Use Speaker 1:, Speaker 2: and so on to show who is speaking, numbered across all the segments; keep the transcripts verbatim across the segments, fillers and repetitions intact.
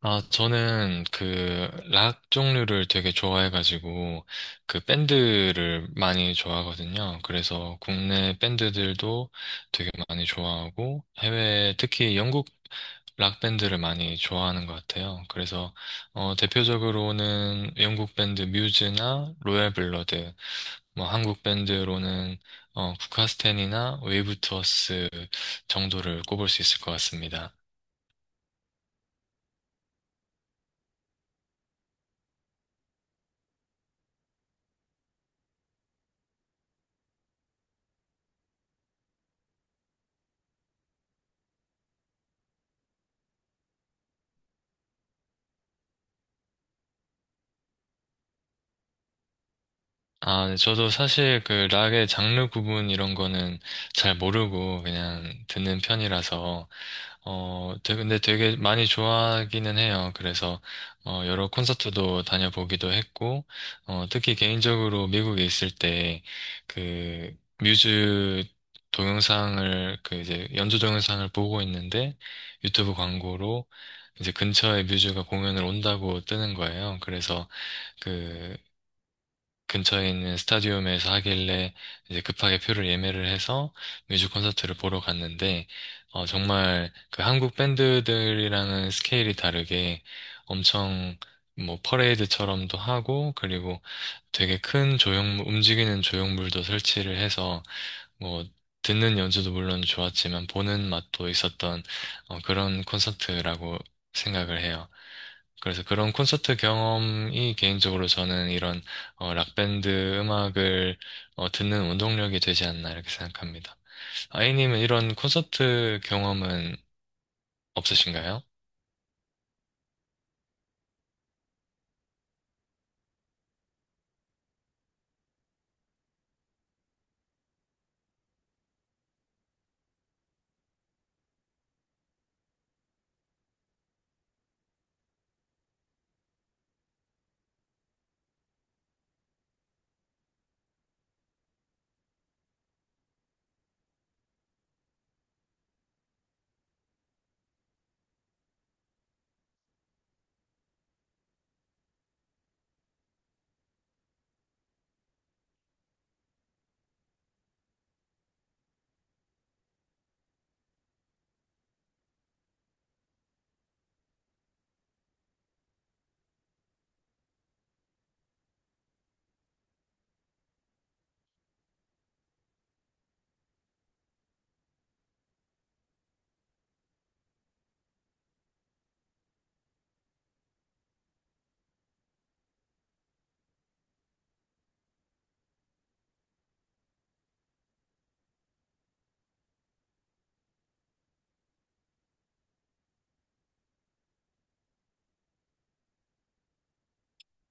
Speaker 1: 아, 저는 그 락 종류를 되게 좋아해가지고 그 밴드를 많이 좋아하거든요. 그래서 국내 밴드들도 되게 많이 좋아하고 해외 특히 영국 락 밴드를 많이 좋아하는 것 같아요. 그래서 어, 대표적으로는 영국 밴드 뮤즈나 로얄 블러드, 뭐 한국 밴드로는 어, 국카스텐이나 웨이브 투어스 정도를 꼽을 수 있을 것 같습니다. 아, 네, 저도 사실 그 락의 장르 구분 이런 거는 잘 모르고 그냥 듣는 편이라서, 어, 되- 근데 되게 많이 좋아하기는 해요. 그래서, 어, 여러 콘서트도 다녀보기도 했고, 어, 특히 개인적으로 미국에 있을 때, 그, 뮤즈 동영상을, 그 이제 연주 동영상을 보고 있는데, 유튜브 광고로 이제 근처에 뮤즈가 공연을 온다고 뜨는 거예요. 그래서, 그 근처에 있는 스타디움에서 하길래 이제 급하게 표를 예매를 해서 뮤직 콘서트를 보러 갔는데 어, 정말 그 한국 밴드들이랑은 스케일이 다르게 엄청 뭐 퍼레이드처럼도 하고 그리고 되게 큰 조형물 움직이는 조형물도 설치를 해서 뭐 듣는 연주도 물론 좋았지만 보는 맛도 있었던 어, 그런 콘서트라고 생각을 해요. 그래서 그런 콘서트 경험이 개인적으로 저는 이런 어, 락밴드 음악을 어, 듣는 운동력이 되지 않나 이렇게 생각합니다. 아이님은 이런 콘서트 경험은 없으신가요?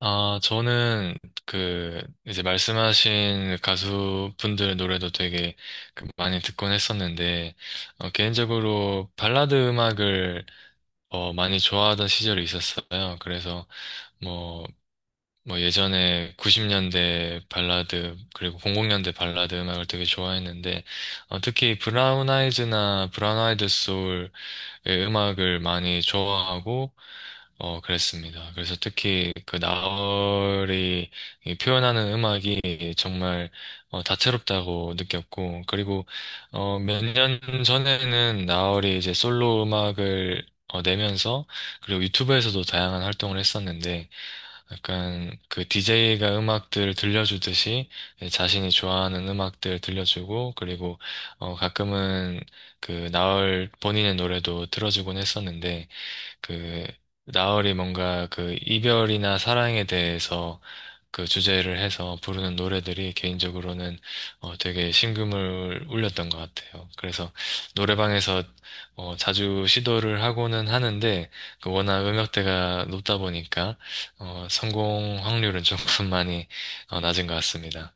Speaker 1: 아, 저는 그 이제 말씀하신 그 가수분들 노래도 되게 그 많이 듣곤 했었는데 어, 개인적으로 발라드 음악을 어, 많이 좋아하던 시절이 있었어요. 그래서 뭐 뭐 예전에 구십 년대 발라드 그리고 공공 년대 발라드 음악을 되게 좋아했는데 어, 특히 브라운 아이즈나 브라운 아이드 소울의 음악을 많이 좋아하고 어 그랬습니다. 그래서 특히 그 나얼이 이 표현하는 음악이 정말 어, 다채롭다고 느꼈고 그리고 어, 몇 년 전에는 나얼이 이제 솔로 음악을 어, 내면서 그리고 유튜브에서도 다양한 활동을 했었는데 약간 그 디제이가 음악들 들려주듯이 네, 자신이 좋아하는 음악들 들려주고 그리고 어 가끔은 그 나얼 본인의 노래도 틀어주곤 했었는데 그 나얼이 뭔가 그 이별이나 사랑에 대해서 그 주제를 해서 부르는 노래들이 개인적으로는 어, 되게 심금을 울렸던 것 같아요. 그래서 노래방에서 어, 자주 시도를 하고는 하는데 그 워낙 음역대가 높다 보니까 어, 성공 확률은 조금 많이 어, 낮은 것 같습니다.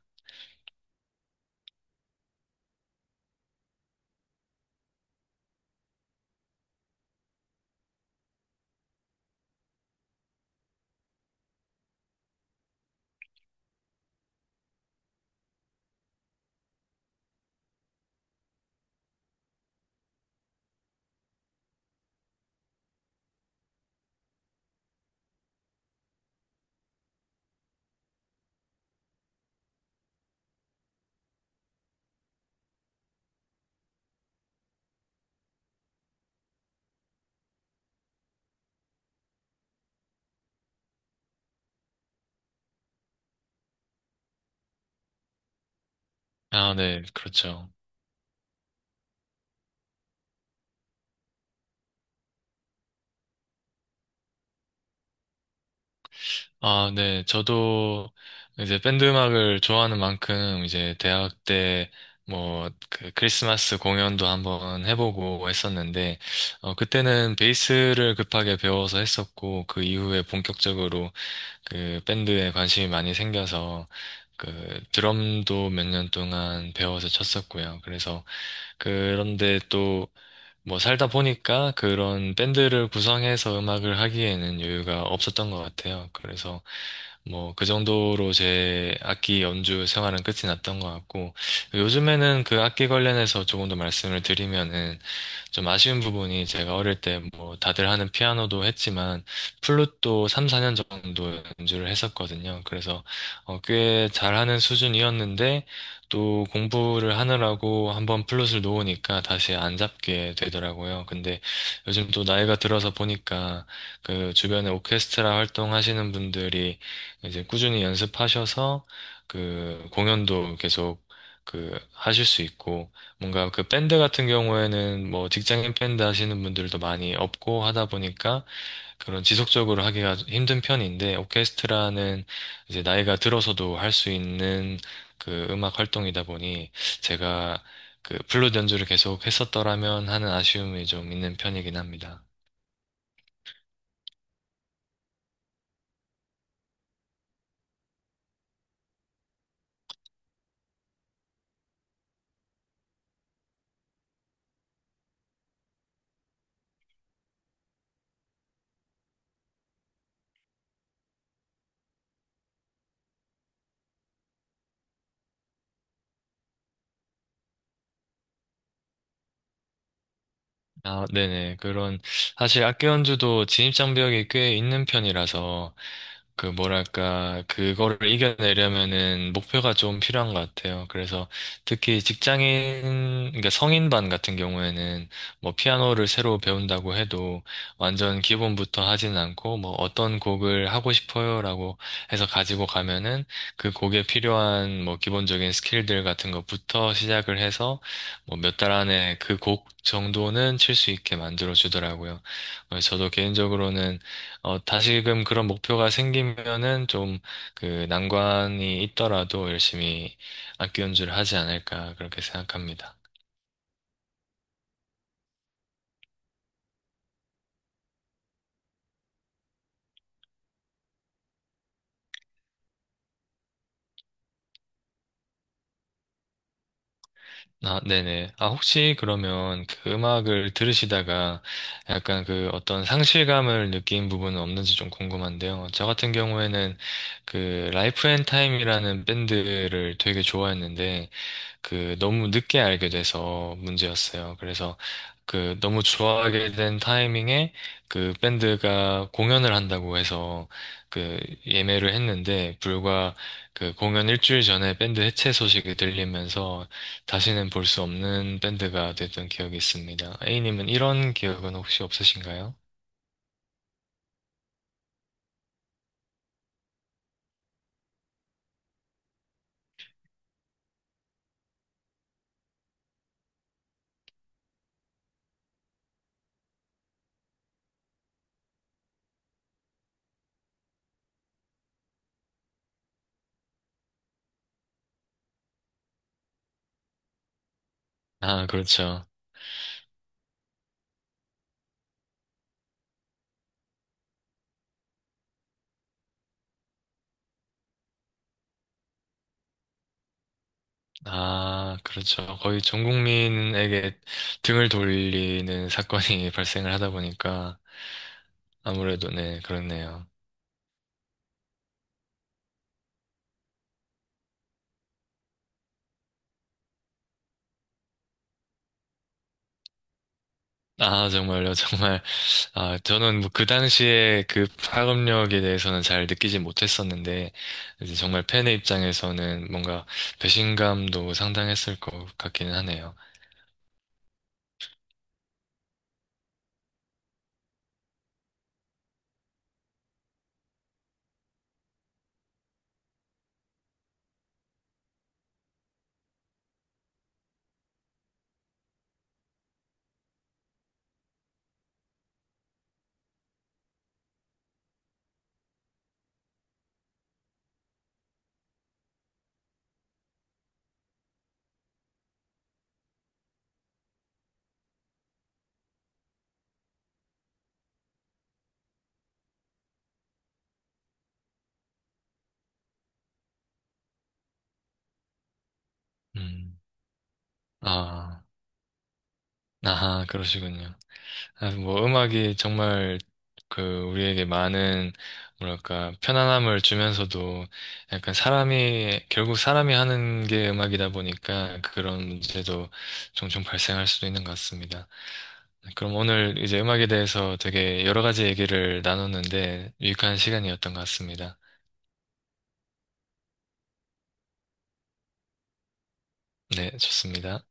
Speaker 1: 아, 네, 그렇죠. 아, 네. 저도 이제 밴드 음악을 좋아하는 만큼 이제 대학 때 뭐 그 크리스마스 공연도 한번 해보고 했었는데 어 그때는 베이스를 급하게 배워서 했었고 그 이후에 본격적으로 그 밴드에 관심이 많이 생겨서 그 드럼도 몇 년 동안 배워서 쳤었고요. 그래서 그런데 또 뭐 살다 보니까 그런 밴드를 구성해서 음악을 하기에는 여유가 없었던 것 같아요. 그래서 뭐 그 정도로 제 악기 연주 생활은 끝이 났던 것 같고 요즘에는 그 악기 관련해서 조금 더 말씀을 드리면은 좀 아쉬운 부분이 제가 어릴 때 뭐 다들 하는 피아노도 했지만 플룻도 삼, 사 년 정도 연주를 했었거든요. 그래서 어, 꽤 잘하는 수준이었는데 또 공부를 하느라고 한번 플룻을 놓으니까 다시 안 잡게 되더라고요. 근데 요즘 또 나이가 들어서 보니까 그 주변에 오케스트라 활동하시는 분들이 이제 꾸준히 연습하셔서 그 공연도 계속 그 하실 수 있고 뭔가 그 밴드 같은 경우에는 뭐 직장인 밴드 하시는 분들도 많이 없고 하다 보니까 그런 지속적으로 하기가 힘든 편인데 오케스트라는 이제 나이가 들어서도 할 수 있는 그 음악 활동이다 보니 제가 그 플룻 연주를 계속 했었더라면 하는 아쉬움이 좀 있는 편이긴 합니다. 아, 네네. 그런, 사실 악기 연주도 진입장벽이 꽤 있는 편이라서, 그, 뭐랄까, 그거를 이겨내려면은 목표가 좀 필요한 것 같아요. 그래서 특히 직장인, 그러니까 성인반 같은 경우에는 뭐 피아노를 새로 배운다고 해도 완전 기본부터 하진 않고 뭐 어떤 곡을 하고 싶어요라고 해서 가지고 가면은 그 곡에 필요한 뭐 기본적인 스킬들 같은 것부터 시작을 해서 뭐 몇 달 안에 그 곡 정도는 칠 수 있게 만들어주더라고요. 어, 저도 개인적으로는 어, 다시금 그런 목표가 생기면은 좀 그 난관이 있더라도 열심히 악기 연주를 하지 않을까 그렇게 생각합니다. 아, 네네. 아, 혹시 그러면 그 음악을 들으시다가 약간 그 어떤 상실감을 느낀 부분은 없는지 좀 궁금한데요. 저 같은 경우에는 그 라이프 앤 타임이라는 밴드를 되게 좋아했는데 그 너무 늦게 알게 돼서 문제였어요. 그래서 그 너무 좋아하게 된 타이밍에 그 밴드가 공연을 한다고 해서 그 예매를 했는데 불과 그 공연 일주일 전에 밴드 해체 소식이 들리면서 다시는 볼 수 없는 밴드가 됐던 기억이 있습니다. A님은 이런 기억은 혹시 없으신가요? 아, 그렇죠. 아, 그렇죠. 거의 전 국민에게 등을 돌리는 사건이 발생을 하다 보니까 아무래도 네, 그렇네요. 아, 정말요, 정말. 아, 저는 뭐 그 당시에 그 파급력에 대해서는 잘 느끼지 못했었는데, 이제 정말 팬의 입장에서는 뭔가 배신감도 상당했을 것 같기는 하네요. 음, 아, 아하, 그러시군요. 아, 뭐 음악이 정말 그 우리에게 많은 뭐랄까 편안함을 주면서도 약간 사람이 결국 사람이 하는 게 음악이다 보니까 그런 문제도 종종 발생할 수도 있는 것 같습니다. 네, 그럼 오늘 이제 음악에 대해서 되게 여러 가지 얘기를 나눴는데 유익한 시간이었던 것 같습니다. 네, 좋습니다.